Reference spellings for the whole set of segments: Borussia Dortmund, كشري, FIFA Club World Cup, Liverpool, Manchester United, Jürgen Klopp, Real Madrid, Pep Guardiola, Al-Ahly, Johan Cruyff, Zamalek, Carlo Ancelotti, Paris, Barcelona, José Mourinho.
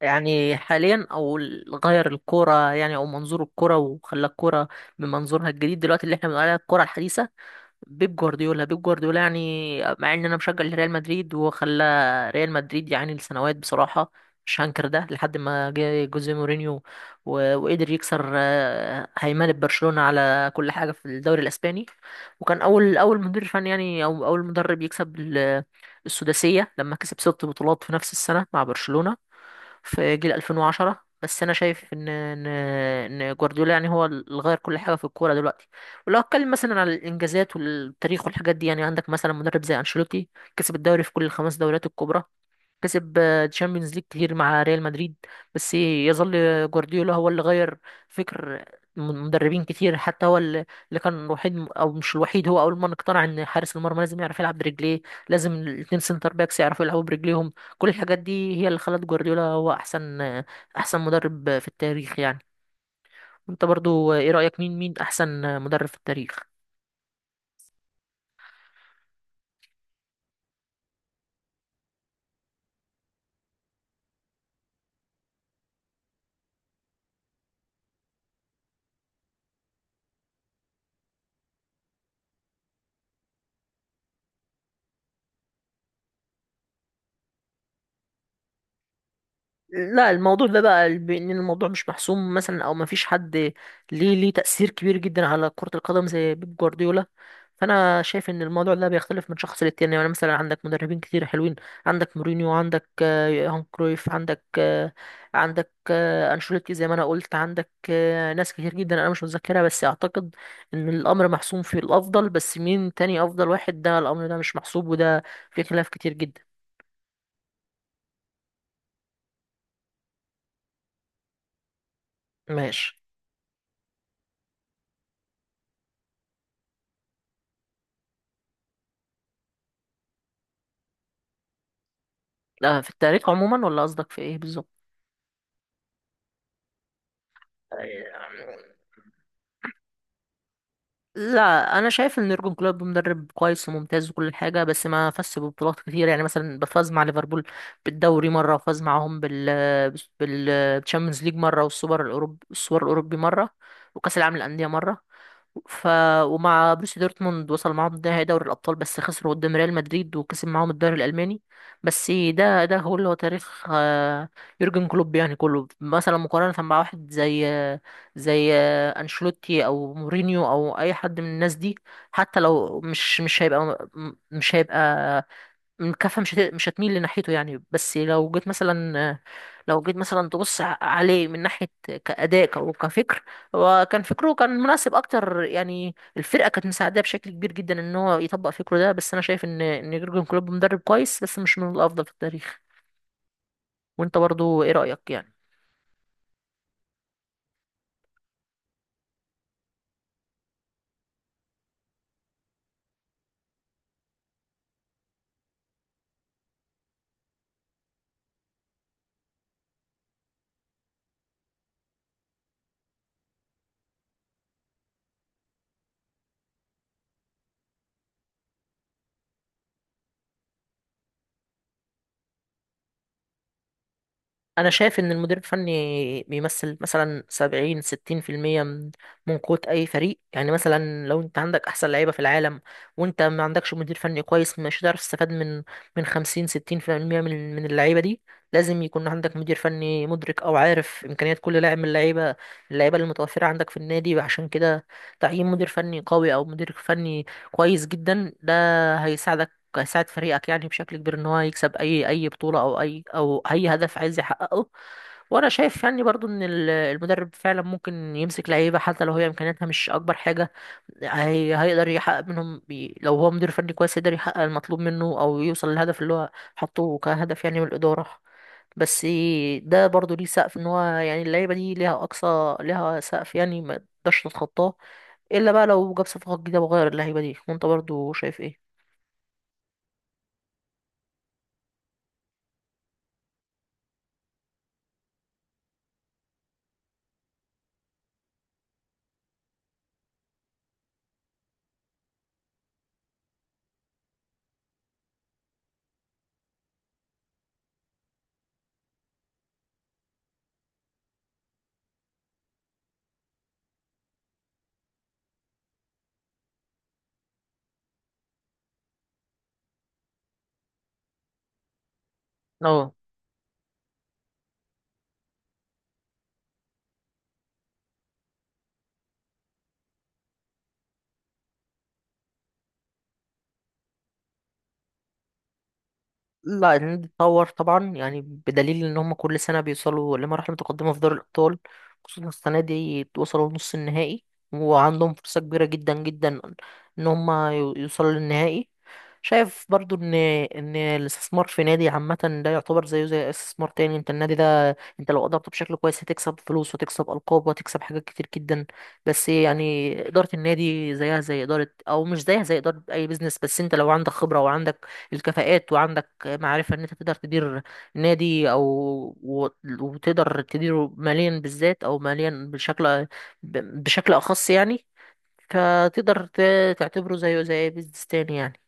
يعني حاليا او غير الكوره، يعني او منظور الكوره، وخلى الكوره بمنظورها الجديد دلوقتي اللي احنا بنقول عليها الكوره الحديثه. بيب جوارديولا يعني، مع ان انا مشجع لريال مدريد وخلى ريال مدريد يعني لسنوات بصراحه، مش هنكر ده لحد ما جه جوزيه مورينيو و- وقدر يكسر هيمنه برشلونه على كل حاجه في الدوري الاسباني، وكان اول مدير فني، يعني او اول مدرب يكسب السداسيه لما كسب ست بطولات في نفس السنه مع برشلونه في جيل 2010. بس انا شايف ان جوارديولا يعني هو اللي غير كل حاجه في الكوره دلوقتي. ولو اتكلم مثلا على الانجازات والتاريخ والحاجات دي، يعني عندك مثلا مدرب زي انشيلوتي، كسب الدوري في كل الخمس دوريات الكبرى، كسب تشامبيونز ليج كتير مع ريال مدريد. بس يظل جوارديولا هو اللي غير فكر مدربين كتير، حتى هو اللي كان الوحيد او مش الوحيد، هو اول من اقتنع ان حارس المرمى لازم يعرف يلعب برجليه، لازم الاتنين سنتر باكس يعرفوا يلعبوا برجليهم. كل الحاجات دي هي اللي خلت جوارديولا هو احسن مدرب في التاريخ يعني. انت برضو ايه رأيك، مين احسن مدرب في التاريخ؟ لا، الموضوع ده بقى بان الموضوع مش محسوم مثلا، او ما فيش حد ليه تأثير كبير جدا على كرة القدم زي بيب جوارديولا. فانا شايف ان الموضوع ده بيختلف من شخص للتاني، يعني مثلا عندك مدربين كتير حلوين، عندك مورينيو، عندك يوهان كرويف، عندك انشيلوتي، زي ما انا قلت، عندك ناس كتير جدا انا مش متذكرها، بس اعتقد ان الامر محسوم في الافضل، بس مين تاني افضل واحد، ده الامر ده مش محسوب، وده في خلاف كتير جدا. ماشي. لا، في التاريخ عموما، ولا قصدك في ايه بالظبط؟ لا انا شايف ان يورجن كلوب مدرب كويس وممتاز وكل حاجه، بس ما فازش ببطولات كتير، يعني مثلا فاز مع ليفربول بالدوري مره، وفاز معاهم بال بالتشامبيونز ليج مره، والسوبر الاوروبي مره، وكاس العالم للانديه مره. ف ومع بروسيا دورتموند وصل معاهم نهائي دوري الابطال بس خسروا قدام ريال مدريد، وكسب معاهم الدوري الالماني. بس ده هو اللي هو تاريخ يورجن كلوب، يعني كله مثلا مقارنه مع واحد زي انشيلوتي او مورينيو او اي حد من الناس دي، حتى لو مش هيبقى، مش هيبقى كفه مش هتميل لناحيته يعني. بس لو جيت مثلا، تبص عليه من ناحيه كاداء وكفكر، هو كان فكره كان مناسب اكتر، يعني الفرقه كانت مساعداه بشكل كبير جدا ان هو يطبق فكره ده. بس انا شايف ان يورجن كلوب مدرب كويس بس مش من الافضل في التاريخ. وانت برضو ايه رايك يعني؟ انا شايف ان المدير الفني بيمثل مثلا 70 60% من قوة اي فريق، يعني مثلا لو انت عندك احسن لعيبة في العالم، وانت ما عندكش مدير فني كويس، مش هتعرف تستفاد من 50 60% من اللعيبة دي. لازم يكون عندك مدير فني مدرك او عارف امكانيات كل لاعب من اللعيبة اللي متوفرة عندك في النادي، عشان كده تعيين مدير فني قوي او مدير فني كويس جدا ده هيساعدك، ساعد فريقك يعني بشكل كبير ان هو يكسب اي بطولة او اي هدف عايز يحققه. وانا شايف يعني برضو ان المدرب فعلا ممكن يمسك لعيبة حتى لو هي امكانياتها مش اكبر حاجة، هيقدر يحقق منهم لو هو مدير فني كويس يقدر يحقق المطلوب منه او يوصل للهدف اللي هو حطه كهدف يعني من الإدارة. بس ده برضو ليه سقف، ان هو يعني اللعيبة دي ليها اقصى، ليها سقف يعني ما تقدرش تتخطاه الا بقى لو جاب صفقات جديدة وغير اللعيبة دي. وانت برضو شايف ايه؟ اه. لا، الهند اتطور طبعا، يعني بدليل ان هم كل سنه بيوصلوا لمرحله متقدمه في دوري الابطال، خصوصا السنه دي وصلوا لنص النهائي، وعندهم فرصه كبيره جدا جدا ان هم يوصلوا للنهائي. شايف برضو ان الاستثمار في نادي عامه ده يعتبر زيه زي استثمار تاني. انت النادي ده، انت لو ادرته بشكل كويس هتكسب فلوس وتكسب القاب وتكسب حاجات كتير جدا، بس يعني اداره النادي زيها زي اداره، او مش زيها زي اداره اي بيزنس، بس انت لو عندك خبره وعندك الكفاءات، وعندك معرفة ان انت تقدر تدير نادي او و- وتقدر تديره ماليا بالذات، او ماليا بشكل بشكل اخص يعني، فتقدر تعتبره زيه زي بيزنس تاني يعني.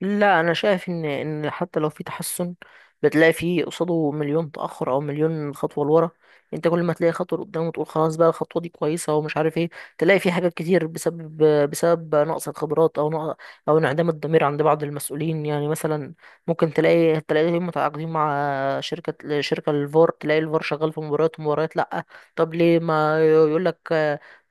لا انا شايف ان حتى لو في تحسن، بتلاقي فيه قصاده مليون تاخر او مليون خطوه لورا. انت كل ما تلاقي خطوه لقدام وتقول خلاص بقى الخطوه دي كويسه ومش عارف ايه، تلاقي في حاجات كتير بسبب، نقص الخبرات او نقص، او انعدام الضمير عند بعض المسؤولين، يعني مثلا ممكن تلاقيهم متعاقدين مع شركه الفار، تلاقي الفار شغال في مباريات ومباريات لا. طب ليه ما يقول لك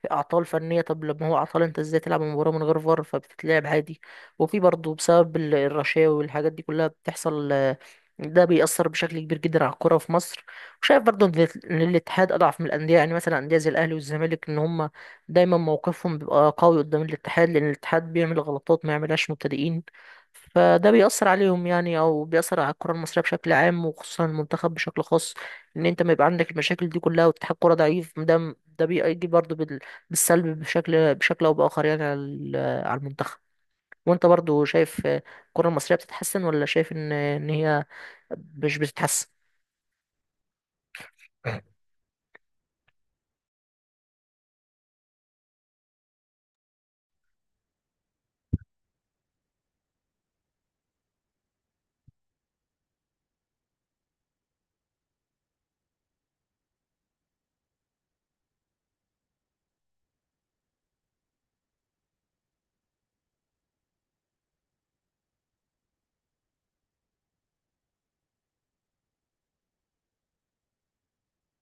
في اعطال فنيه؟ طب لما هو اعطال، انت ازاي تلعب مباراه من غير فار؟ فبتتلعب عادي. وفي برضه بسبب الرشاوي والحاجات دي كلها بتحصل، ده بيأثر بشكل كبير جدا على الكرة في مصر. وشايف برضه إن الاتحاد أضعف من الأندية، يعني مثلا أندية زي الأهلي والزمالك، إن هما دايما موقفهم بيبقى قوي قدام الاتحاد، لأن الاتحاد بيعمل غلطات ما يعملهاش مبتدئين. فده بيأثر عليهم يعني، أو بيأثر على الكرة المصرية بشكل عام وخصوصا المنتخب بشكل خاص، إن أنت ما يبقى عندك المشاكل دي كلها واتحاد كرة ضعيف، ده بيجي برضه بالسلب بشكل أو بآخر، يعني على على المنتخب. وانت برضو شايف الكرة المصرية بتتحسن، ولا شايف ان هي مش بتتحسن؟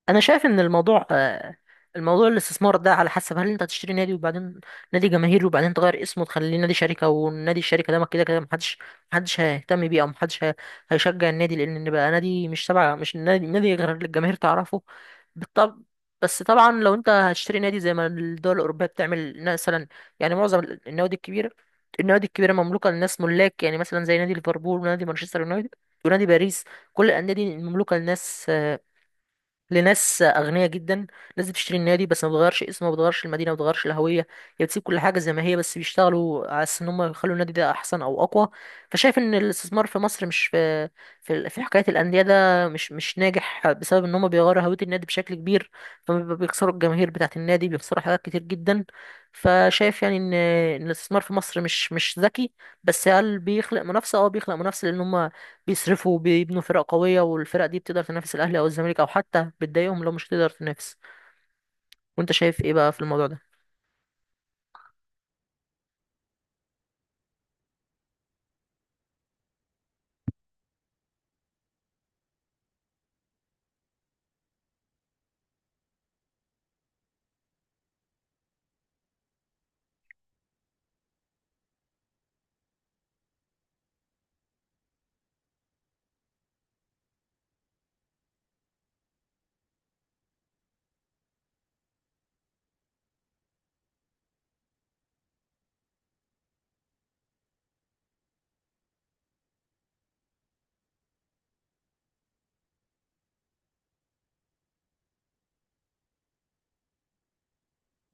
انا شايف ان الموضوع، الاستثمار ده على حسب، هل انت هتشتري نادي وبعدين نادي جماهيري وبعدين تغير اسمه وتخليه نادي شركه، والنادي الشركه ده ما كده كده محدش هيهتم بيه، او محدش هيشجع النادي لان بقى نادي مش تبع، مش نادي غير اللي الجماهير تعرفه. بالطب. بس طبعا لو انت هتشتري نادي زي ما الدول الاوروبيه بتعمل مثلا، يعني معظم النوادي الكبيره، مملوكه للناس ملاك، يعني مثلا زي نادي ليفربول ونادي مانشستر يونايتد ونادي باريس، كل الانديه دي مملوكه لناس اغنياء جدا، ناس بتشتري النادي بس ما بتغيرش اسمه، ما بتغيرش المدينه، ما بتغيرش الهويه، هي بتسيب كل حاجه زي ما هي، بس بيشتغلوا على اساس ان هم يخلوا النادي ده احسن او اقوى. فشايف ان الاستثمار في مصر مش في، حكايه الانديه ده مش ناجح بسبب ان هم بيغيروا هويه النادي بشكل كبير، فبيخسروا الجماهير بتاعه النادي، بيخسروا حاجات كتير جدا. فشايف يعني ان، الاستثمار في مصر مش ذكي. بس هل بيخلق منافسه؟ اه، بيخلق منافسه لان هم بيصرفوا وبيبنوا فرق قوية، والفرق دي بتقدر تنافس الأهلي أو الزمالك، أو حتى بتضايقهم لو مش تقدر تنافس. وأنت شايف إيه بقى في الموضوع ده؟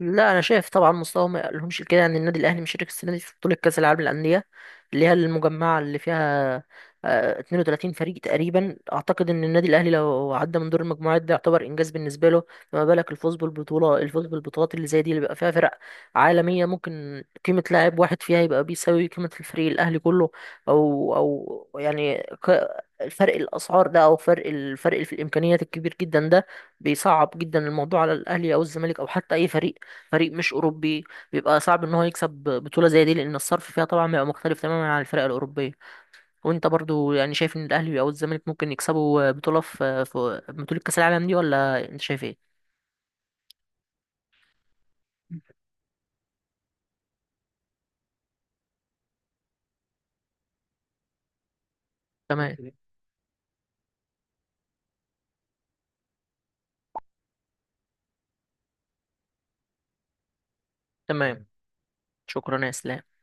لا انا شايف طبعا مستوى ما يقلهمش كده، يعني النادي الاهلي مشارك السنه دي في بطوله كاس العالم للانديه، اللي هي المجمعه اللي فيها 32 فريق تقريبا. اعتقد ان النادي الاهلي لو عدى من دور المجموعات ده يعتبر انجاز بالنسبه له، فما بالك الفوز بالبطوله، الفوز بالبطولات اللي زي دي اللي بيبقى فيها فرق عالميه، ممكن قيمه لاعب واحد فيها يبقى بيساوي قيمه الفريق الاهلي كله. او يعني ك- الفرق الاسعار ده، او فرق الفرق في الامكانيات الكبير جدا ده، بيصعب جدا الموضوع على الاهلي او الزمالك او حتى اي فريق مش اوروبي، بيبقى صعب ان هو يكسب بطوله زي دي، لان الصرف فيها طبعا بيبقى مختلف تماما عن الفرق الاوروبيه. وانت برضو يعني شايف ان الاهلي او الزمالك ممكن يكسبوا بطوله في بطوله كاس العالم دي ولا انت شايف ايه؟ تمام. تمام. شكرا يا اسلام.